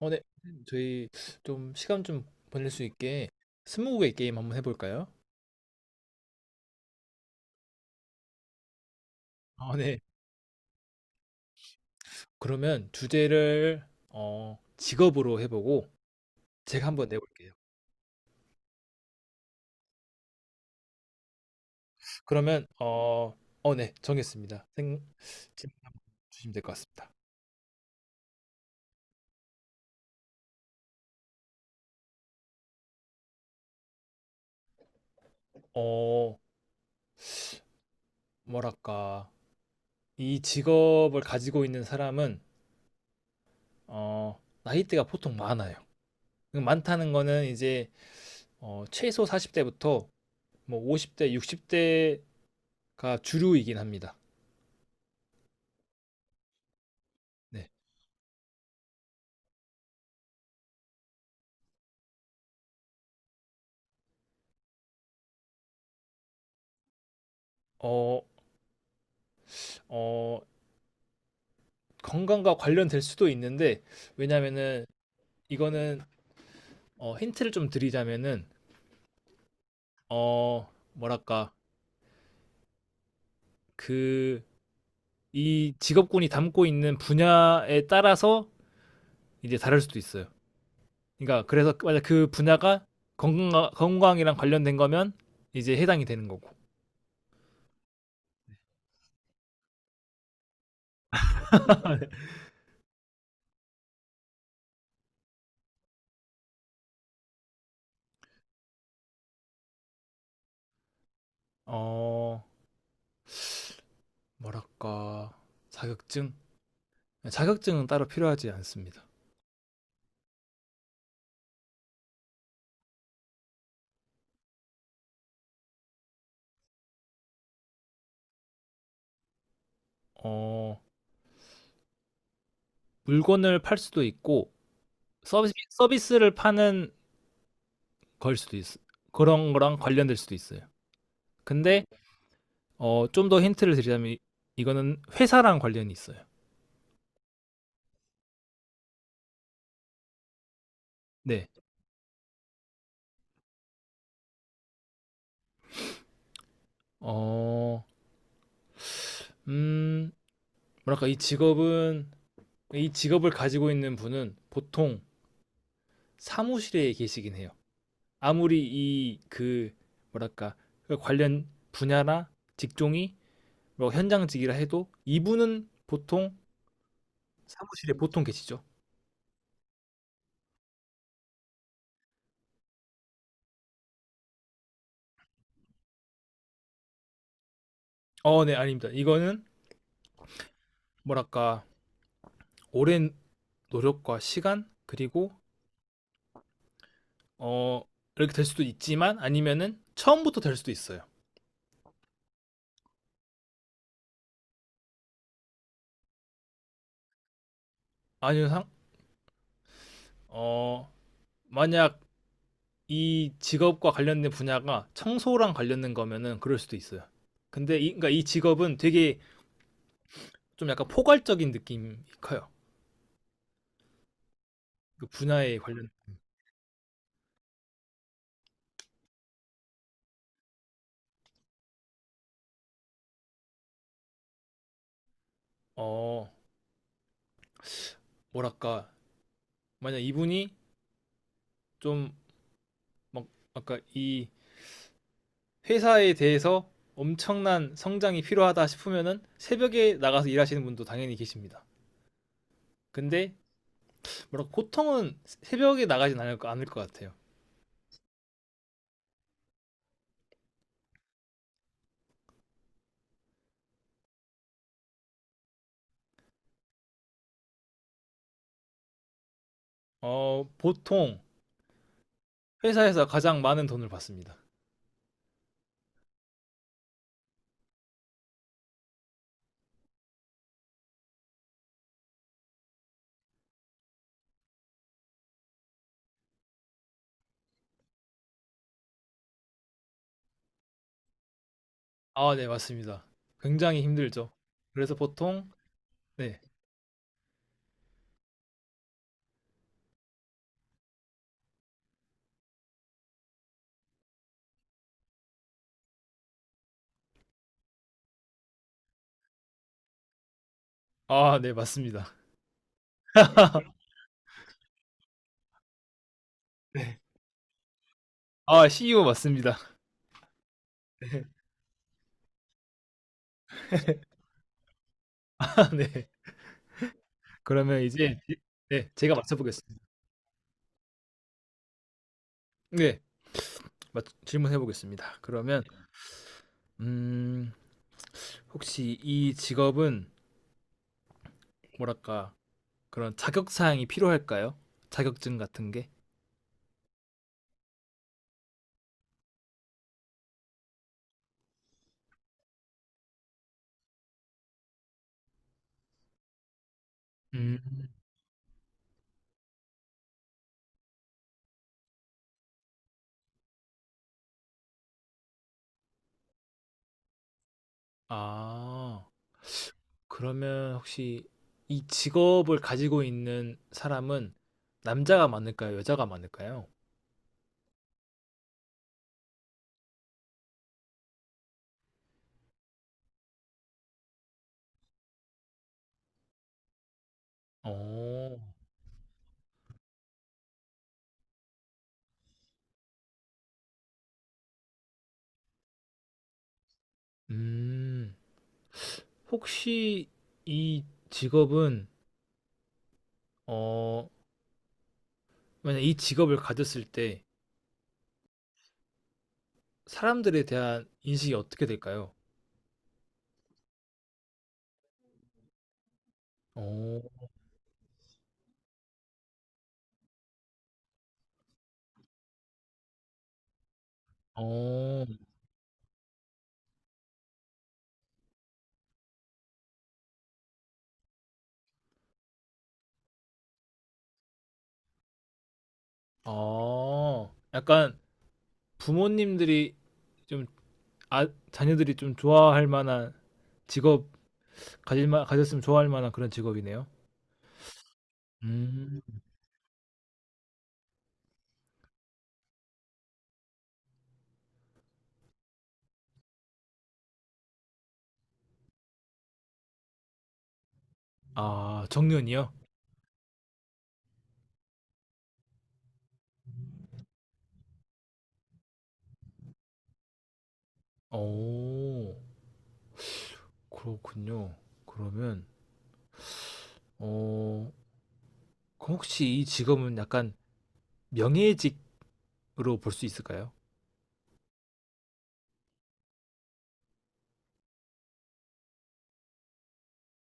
네. 선생님, 저희 좀 시간 좀 보낼 수 있게 스무고개 게임 한번 해볼까요? 네. 그러면 주제를 직업으로 해보고 제가 한번 내볼게요. 그러면 네. 정했습니다. 생, 질문 한번 주시면 될 것 같습니다. 어, 뭐랄까. 이 직업을 가지고 있는 사람은 나이대가 보통 많아요. 많다는 거는 이제 최소 40대부터 뭐 50대, 60대가 주류이긴 합니다. 네. 어, 어, 건강과 관련될 수도 있는데, 왜냐면은, 이거는, 힌트를 좀 드리자면은, 어, 뭐랄까, 그, 이 직업군이 담고 있는 분야에 따라서 이제 다를 수도 있어요. 그러니까, 그래서, 맞아, 그 분야가 건강, 건강이랑 관련된 거면 이제 해당이 되는 거고. 어, 뭐랄까, 자격증? 자격증은 따로 필요하지 않습니다. 어, 물건을 팔 수도 있고, 서비스 서비스를 파는 걸 수도 있어. 그런 거랑 관련될 수도 있어요. 근데 좀 더 힌트를 드리자면 이- 이거는 회사랑 관련이 있어요. 네. 어, 음, 뭐랄까 이 직업은 이 직업을 가지고 있는 분은 보통 사무실에 계시긴 해요. 아무리 이 그 뭐랄까 그 관련 분야나 직종이 뭐 현장직이라 해도 이분은 보통 사무실에 보통 계시죠. 네, 아닙니다. 이거는 뭐랄까 오랜 노력과 시간 그리고 어 이렇게 될 수도 있지만 아니면은 처음부터 될 수도 있어요. 아니면 상, 어 만약 이 직업과 관련된 분야가 청소랑 관련된 거면은 그럴 수도 있어요. 근데 이, 그러니까 이 직업은 되게 좀 약간 포괄적인 느낌이 커요. 그 분야에 관련 어 뭐랄까 만약 이분이 좀 막 아까 이 회사에 대해서 엄청난 성장이 필요하다 싶으면은 새벽에 나가서 일하시는 분도 당연히 계십니다. 근데 뭐랄까 보통은 새벽에 나가진 않을, 거- 않을 것 같아요. 보통 회사에서 가장 많은 돈을 받습니다. 아, 네, 맞습니다. 굉장히 힘들죠. 그래서 보통 네. 아, 네, 맞습니다. 네. 아, CEO 맞습니다. 네. 아, 네. 그러면 이제 지- 네, 제가 맞춰 보겠습니다. 네. 맞, 질문해 보겠습니다. 그러면 음, 혹시 이 직업은 뭐랄까? 그런 자격 사항이 필요할까요? 자격증 같은 게? 음. 아. 그러면 혹시 이 직업을 가지고 있는 사람은 남자가 많을까요? 여자가 많을까요? 어. 음. 혹시 이 직업은 어 만약 이 직업을 가졌을 때 사람들에 대한 인식이 어떻게 될까요? 어. 어. 아. 약간 부모님들이 좀 아 자녀들이 좀 좋아할 만한 직업 가질 만 가졌으면 좋아할 만한 그런 직업이네요. 음. 아, 정년이요? 오, 그렇군요. 그러면, 어, 그럼 혹시 이 직업은 약간 명예직으로 볼 수 있을까요?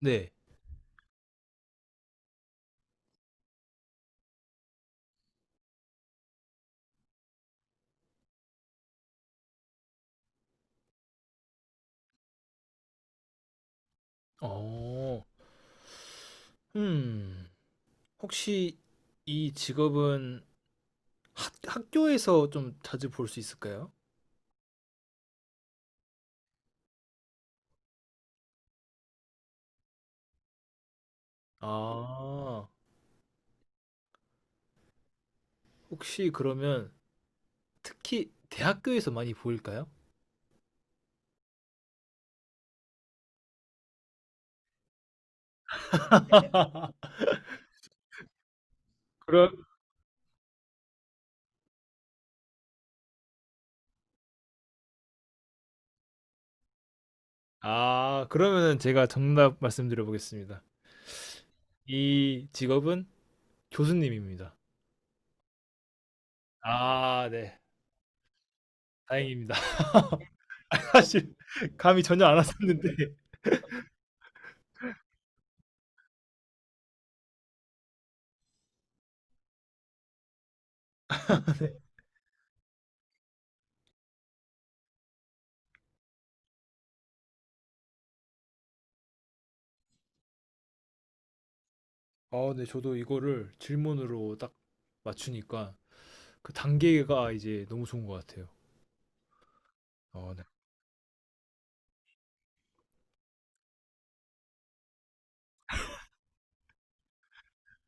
네. 어, 음, 혹시 이 직업은 학, 학교에서 좀 자주 볼 수 있을까요? 아, 혹시 그러면 특히 대학교에서 많이 보일까요? 그럼, 아, 그러면은 제가 정답 말씀드려 보겠습니다. 이 직업은 교수님입니다. 아 네. 다행입니다. 사실 감이 전혀 안 왔었는데. 아 네. 저도 이거를 질문으로 딱 맞추니까 그 단계가 이제 너무 좋은 것 같아요. 아 네.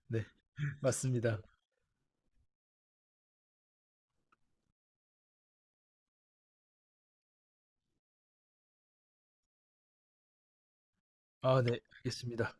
네. 맞습니다. 아 네. 알겠습니다.